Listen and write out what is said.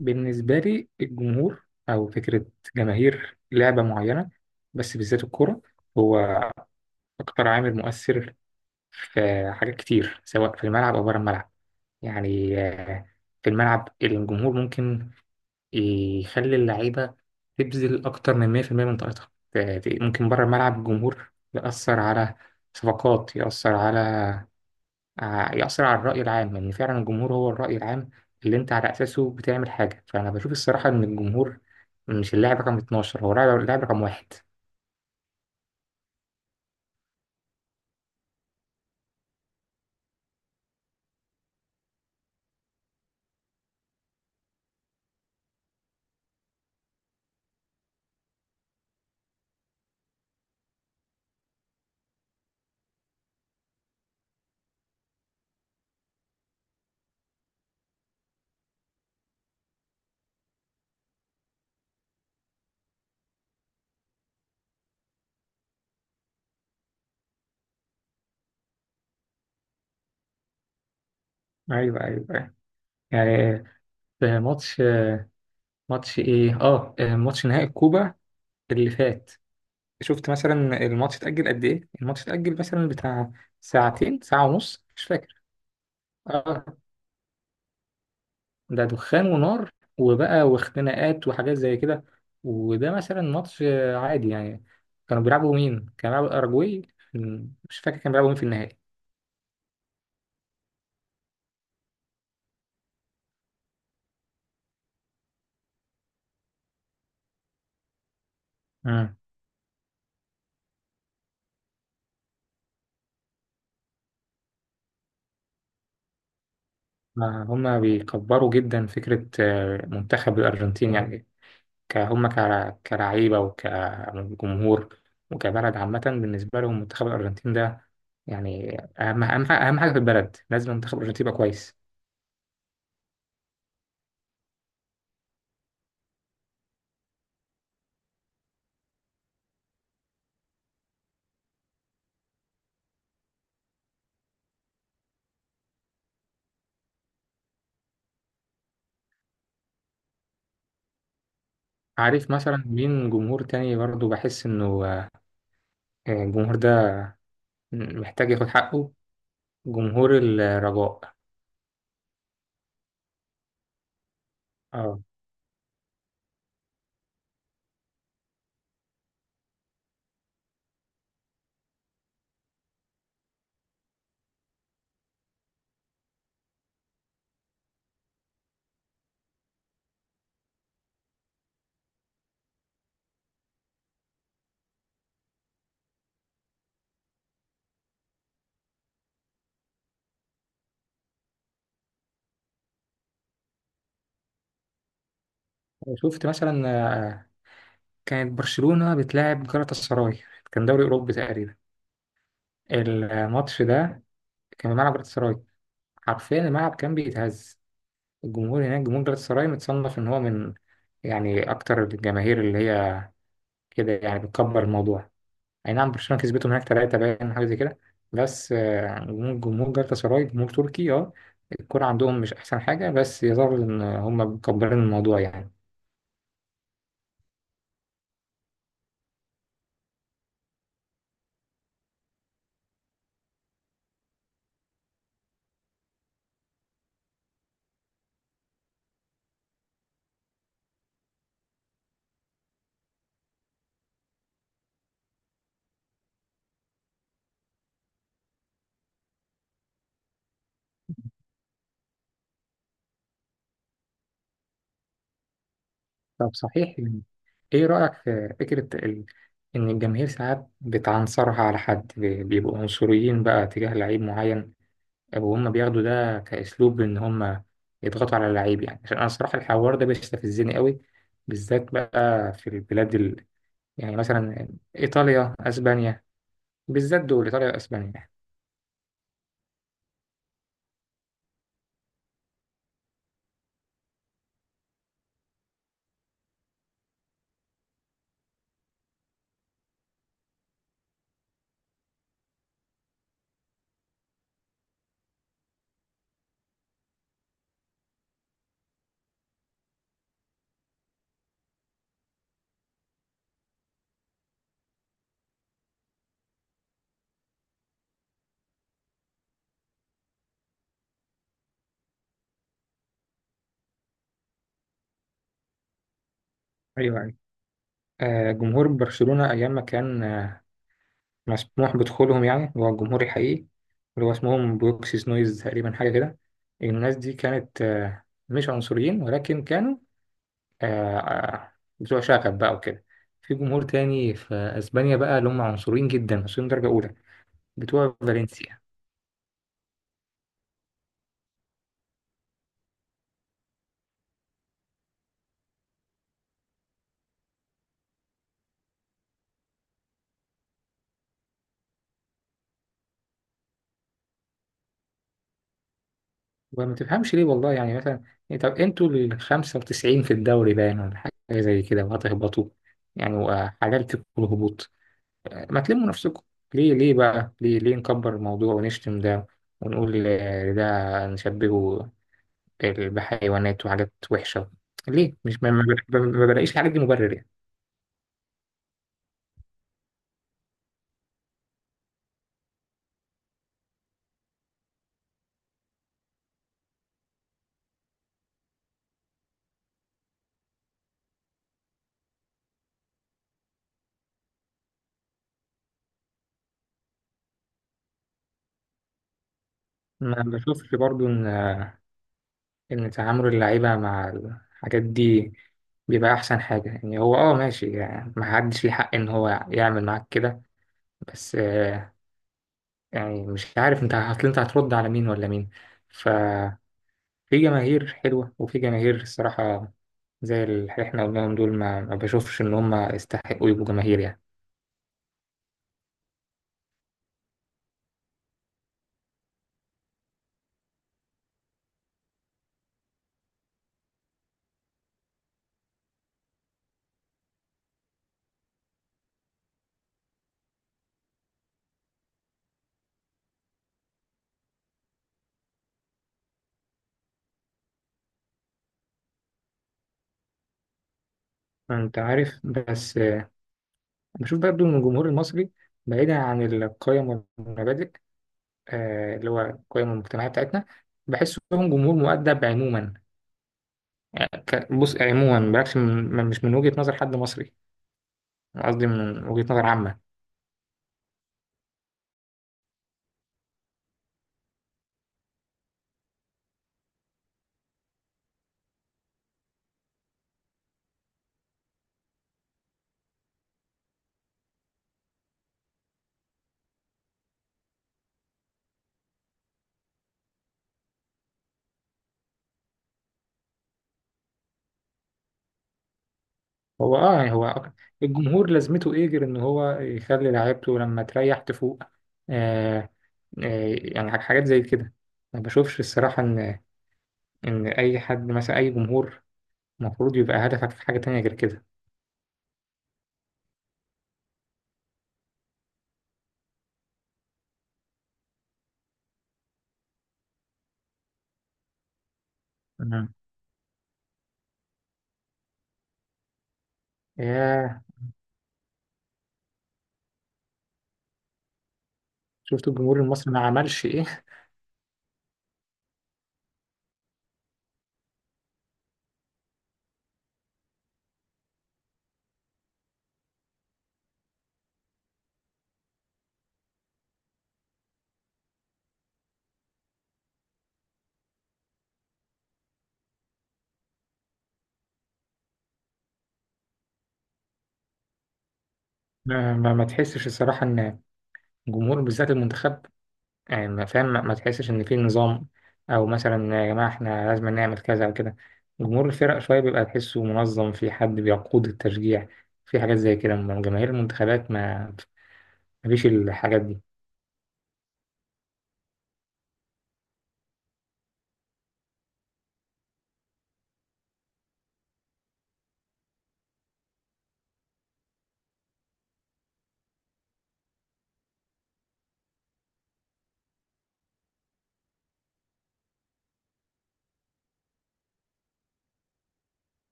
بالنسبة لي الجمهور أو فكرة جماهير لعبة معينة، بس بالذات الكرة، هو أكتر عامل مؤثر في حاجات كتير سواء في الملعب أو بره الملعب. يعني آه، في الملعب الجمهور ممكن يخلي اللعيبة تبذل أكتر من 100% من طاقتها، ممكن بره الملعب الجمهور يأثر على صفقات، يأثر على يأثر على الرأي العام، لأن فعلا الجمهور هو الرأي العام اللي أنت على أساسه بتعمل حاجة. فأنا بشوف الصراحة إن الجمهور مش اللاعب رقم 12، هو اللاعب رقم واحد. أيوه، أيوه، أيوه، يعني في ماتش إيه؟ آه، ماتش نهائي الكوبا اللي فات. شفت مثلا الماتش اتأجل قد إيه؟ الماتش اتأجل مثلا بتاع ساعتين، ساعة ونص، مش فاكر. آه، ده دخان ونار وبقى واختناقات وحاجات زي كده. وده مثلا ماتش عادي يعني. كانوا بيلعبوا مين؟ كانوا بيلعبوا الأرجواي، مش فاكر كانوا بيلعبوا مين في النهائي. مم. هما بيكبروا جدا فكرة منتخب الأرجنتين يعني. هما كلعيبة وكجمهور وكبلد عامة، بالنسبة لهم منتخب الأرجنتين ده يعني أهم حاجة، أهم حاجة في البلد، لازم منتخب الأرجنتين يبقى كويس. عارف مثلا مين جمهور تاني برضه بحس إنه الجمهور ده محتاج ياخد حقه؟ جمهور الرجاء. اه. شفت مثلا، آه، كانت برشلونة بتلاعب جالاتا سراي، كان دوري أوروبي تقريبا. الماتش ده كان في ملعب جالاتا سراي، حرفيا الملعب كان بيتهز. الجمهور هناك، جمهور جالاتا سراي، متصنف إن هو من يعني أكتر الجماهير اللي هي كده يعني بتكبر الموضوع. اي نعم برشلونه كسبته هناك 3 باين، حاجه زي كده، بس جمهور جالاتا سراي جمهور تركي، اه، الكوره عندهم مش احسن حاجه، بس يظهر ان هم مكبرين الموضوع يعني. طب صحيح، ايه رايك في فكره ال... ان الجماهير ساعات بتعنصرها على حد، بيبقوا عنصريين بقى تجاه لعيب معين، وهم بياخدوا ده كاسلوب ان هم يضغطوا على اللعيب. يعني عشان انا الصراحه الحوار ده بيستفزني قوي، بالذات بقى في البلاد ال... يعني مثلا ايطاليا، اسبانيا، بالذات دول، إيطاليا وأسبانيا يعني. ايوه، ايوه. آه، جمهور برشلونة أيام ما كان مسموح بدخولهم، يعني اللي هو الجمهور الحقيقي، اللي هو اسمهم بروكسيز نويز تقريبا، حاجة كده، الناس دي كانت مش عنصريين، ولكن كانوا آه، آه، بتوع شغب بقى وكده. في جمهور تاني في أسبانيا بقى اللي هم عنصريين جدا، عنصريين درجة أولى، بتوع فالنسيا. وما تفهمش ليه والله. يعني مثلا إيه، طب انتوا ال 95 في الدوري باين ولا حاجة زي كده وهتهبطوا يعني، وحلال فيكم الهبوط، ما تلموا نفسكم. ليه؟ ليه بقى؟ ليه ليه نكبر الموضوع ونشتم ده، ونقول ده نشبهه بحيوانات وحاجات وحشة؟ ليه؟ مش ما بلاقيش الحاجات دي مبرر يعني. ما بشوفش برضو ان ان تعامل اللعيبة مع الحاجات دي بيبقى احسن حاجة. يعني هو اه ماشي، يعني ما حدش ليه حق ان هو يعمل معاك كده، بس يعني مش عارف انت هتل انت هترد على مين ولا مين. ف في جماهير حلوة وفي جماهير الصراحة زي اللي احنا قلناهم دول ما بشوفش إن هم يستحقوا يبقوا جماهير يعني. أنت عارف بس، بشوف برضو إن الجمهور المصري، بعيدا عن القيم والمبادئ، اللي هو القيم المجتمعية بتاعتنا، بحسهم جمهور مؤدب عموما. يعني بص، يعني عموما بلاش من مش من وجهة نظر حد مصري، أنا قصدي من وجهة نظر عامة. هو اه يعني هو الجمهور لازمته ايه غير ان هو يخلي لعيبته لما تريح تفوق؟ آه، يعني حاجات زي كده. ما بشوفش الصراحة إن إن أي حد مثلا، أي جمهور، المفروض يبقى هدفك في حاجة تانية غير كده. مم. ياه. شفت الجمهور المصري ما عملش إيه. ما تحسش الصراحة إن الجمهور، بالذات المنتخب، يعني ما فاهم، ما تحسش إن في نظام، أو مثلا يا جماعة إحنا لازم نعمل كذا أو كده؟ جمهور الفرق شوية بيبقى تحسه منظم، في حد بيقود التشجيع، في حاجات زي كده، أما جماهير المنتخبات ما فيش الحاجات دي.